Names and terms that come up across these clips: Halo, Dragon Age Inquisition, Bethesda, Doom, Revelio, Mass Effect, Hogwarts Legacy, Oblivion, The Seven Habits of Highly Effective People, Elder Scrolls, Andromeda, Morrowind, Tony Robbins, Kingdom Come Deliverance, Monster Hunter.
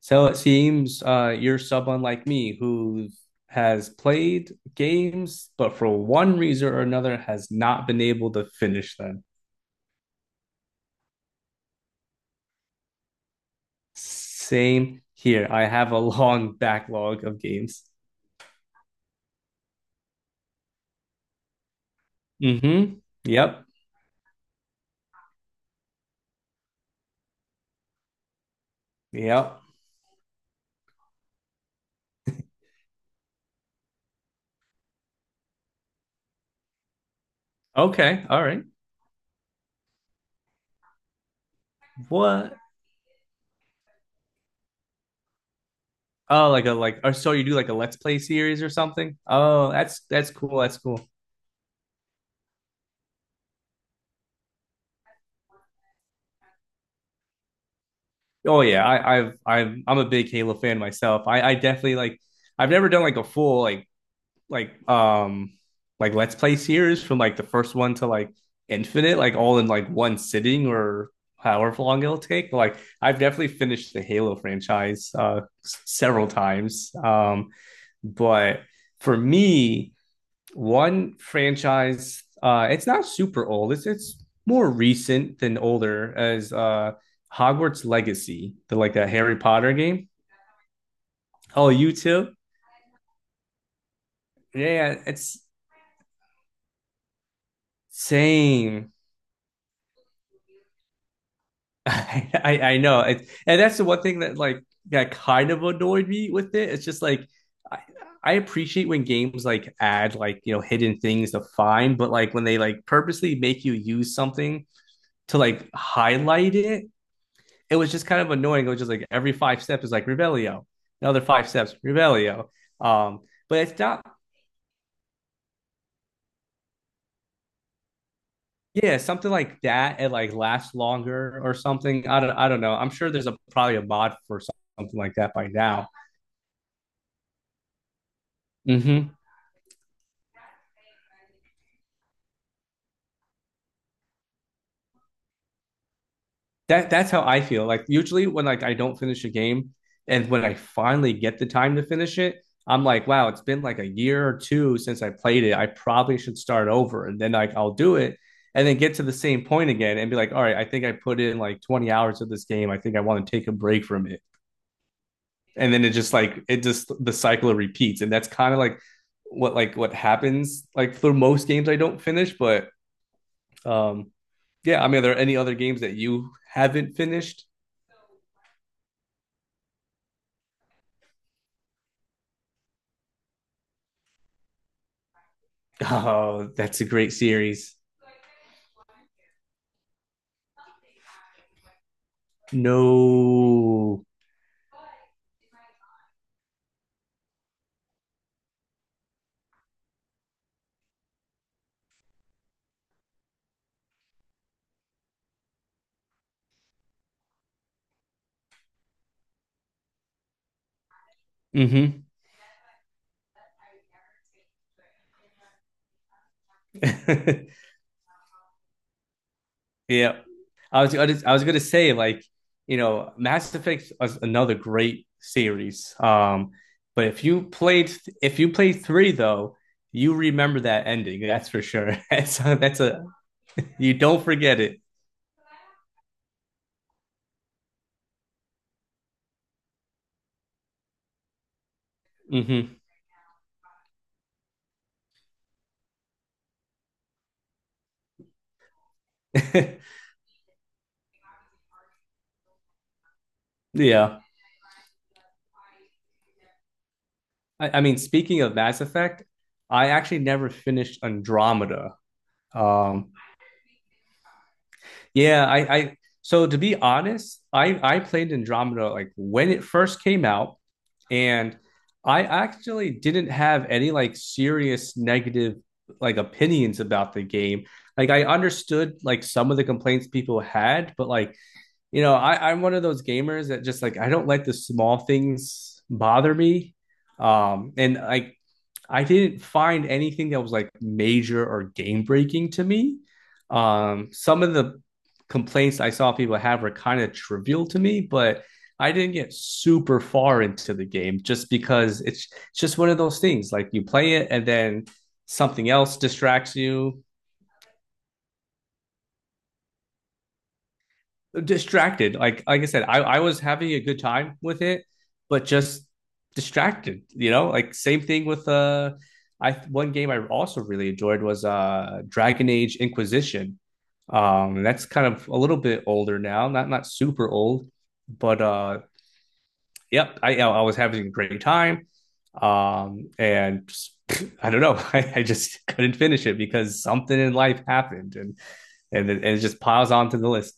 So it seems you're someone like me who has played games, but for one reason or another has not been able to finish them. Same here. I have a long backlog of games. Mm-hmm. Yep. Yep. Okay. All right. What? Oh, like a like. Or so you do like a Let's Play series or something? Oh, that's cool. That's cool. Oh yeah. I, I've I'm a big Halo fan myself. I definitely like. I've never done like a full like um like Let's Play series from like the first one to like Infinite, like all in like one sitting or however long it'll take. But, like I've definitely finished the Halo franchise several times. But for me, one franchise it's not super old. It's more recent than older as Hogwarts Legacy, the like a Harry Potter game. Oh, you too? Yeah, it's same. I know, and that's the one thing that that kind of annoyed me with it. It's just like I, I appreciate when games like add like hidden things to find, but like when they like purposely make you use something to like highlight it, it was just kind of annoying. It was just like every five steps is like Revelio, another five steps Revelio. Um, but it's not. Yeah, something like that. It like lasts longer or something. I don't know. I'm sure there's a probably a mod for something like that by now. Hmm. That's how I feel. Like usually when like I don't finish a game and when I finally get the time to finish it, I'm like, wow, it's been like a year or two since I played it. I probably should start over and then like I'll do it and then get to the same point again and be like, all right, I think I put in like 20 hours of this game. I think I want to take a break from it. And then it just like it just the cycle repeats. And that's kind of like what happens like for most games I don't finish, but um yeah, I mean, are there any other games that you haven't finished? Oh, that's a great series. No. Mm-hmm. Yeah. I was going to say like, you know, Mass Effect was another great series. But if you played 3 though, you remember that ending, that's for sure. That's a You don't forget it. Mm-hmm. Yeah. I mean, speaking of Mass Effect, I actually never finished Andromeda. Um Yeah, I so to be honest, I played Andromeda like when it first came out, and I actually didn't have any like serious negative like opinions about the game. Like I understood like some of the complaints people had, but like, you know, I'm one of those gamers that just like I don't let the small things bother me. And like I didn't find anything that was like major or game breaking to me. Some of the complaints I saw people have were kind of trivial to me, but I didn't get super far into the game just because it's just one of those things. Like you play it and then something else distracts you, distracted. Like I said, I was having a good time with it, but just distracted. You know, like same thing with I one game I also really enjoyed was Dragon Age Inquisition. That's kind of a little bit older now, not super old, but yep, I was having a great time. And just, I don't know, I just couldn't finish it because something in life happened, and and it just piles onto the list.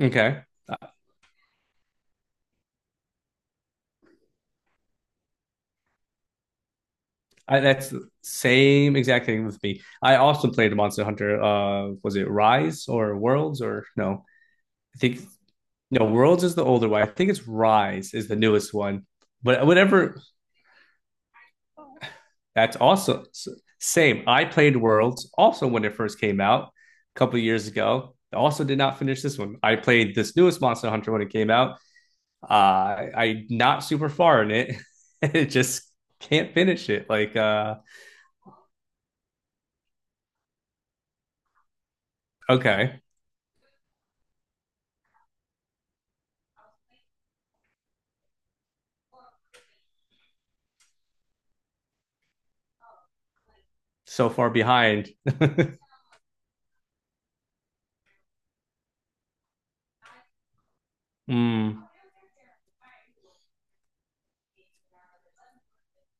Okay. That's the same exact thing with me. I also played Monster Hunter. Was it Rise or Worlds or no? I think no. Worlds is the older one. I think it's Rise is the newest one. But whatever, that's also same. I played Worlds also when it first came out a couple of years ago. Also did not finish this one. I played this newest Monster Hunter when it came out. Uh, I not super far in it. It just can't finish it. Like okay, so far behind. Mm.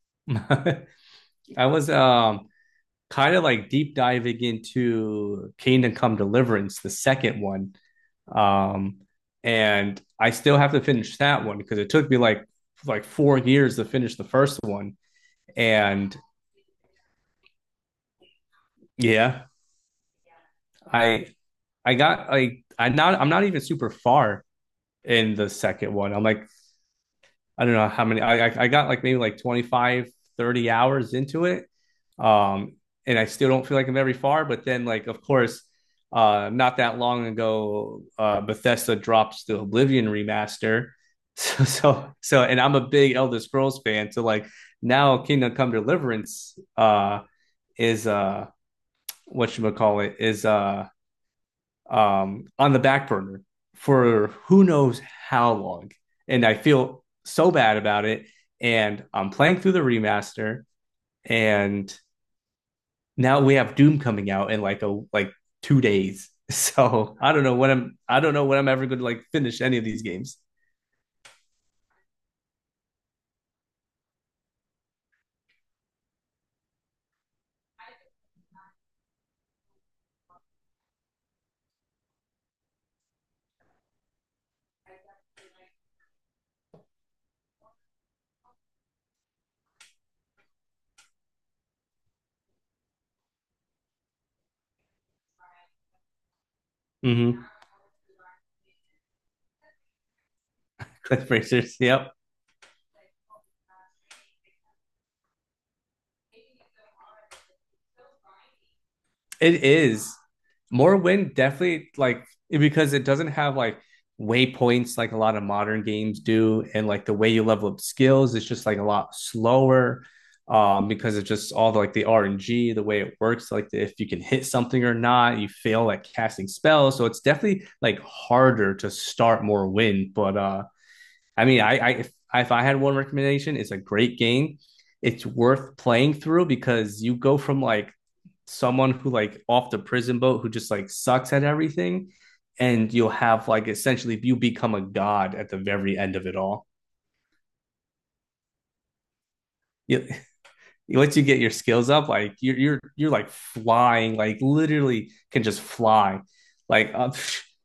I was kind of like deep diving into Kingdom Come Deliverance, the second one. Um, and I still have to finish that one because it took me like 4 years to finish the first one. And yeah, I I got like I'm not even super far in the second one. I'm like I don't know how many got like maybe like 25-30 hours into it. Um, and I still don't feel like I'm very far. But then, like, of course, not that long ago, Bethesda drops the Oblivion remaster. And I'm a big Elder Scrolls fan. So, like, now Kingdom Come Deliverance is what you would call it is on the back burner for who knows how long. And I feel so bad about it. And I'm playing through the remaster, and now we have Doom coming out in like a like 2 days. So I don't know when I'm ever going to like finish any of these games. Mm-hmm. Cliff Racers. Yep. It is. More Wind definitely like because it doesn't have like waypoints like a lot of modern games do, and like the way you level up skills is just like a lot slower. Because of just all the RNG, the way it works, like if you can hit something or not, you fail at casting spells. So it's definitely like harder to start more win, but I mean, I if I had one recommendation, it's a great game. It's worth playing through because you go from like someone who like off the prison boat who just like sucks at everything, and you'll have like essentially you become a god at the very end of it all. You, Once you get your skills up, like you're like flying, like literally can just fly. Like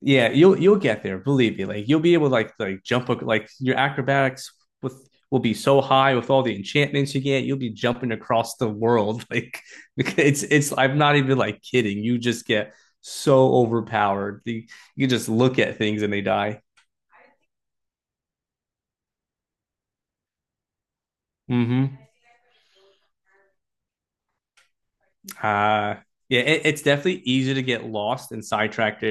Yeah, you'll get there, believe me. Like you'll be able to like jump ac- like your acrobatics with will be so high with all the enchantments you get, you'll be jumping across the world. Like it's I'm not even like kidding. You just get so overpowered. You just look at things and they die. Hmm. Uh, yeah, it's definitely easy to get lost and sidetracked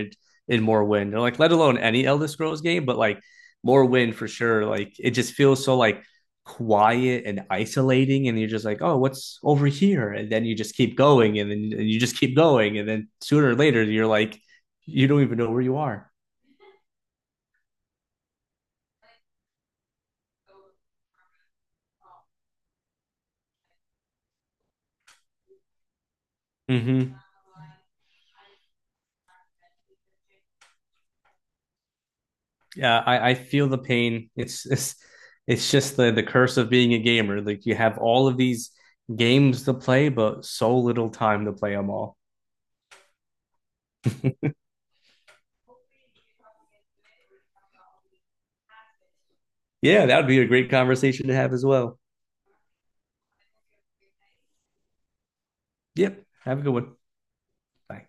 in more wind, or like let alone any Elder Scrolls game, but like more wind for sure. Like it just feels so like quiet and isolating, and you're just like, oh, what's over here? And then you just keep going, and then and you just keep going, and then sooner or later you're like, you don't even know where you are. Mm-hmm. Yeah, I feel the pain. It's just the curse of being a gamer. Like you have all of these games to play, but so little time to play them all. Yeah, that would be a great conversation to have as well. Yep. Have a good one. Bye.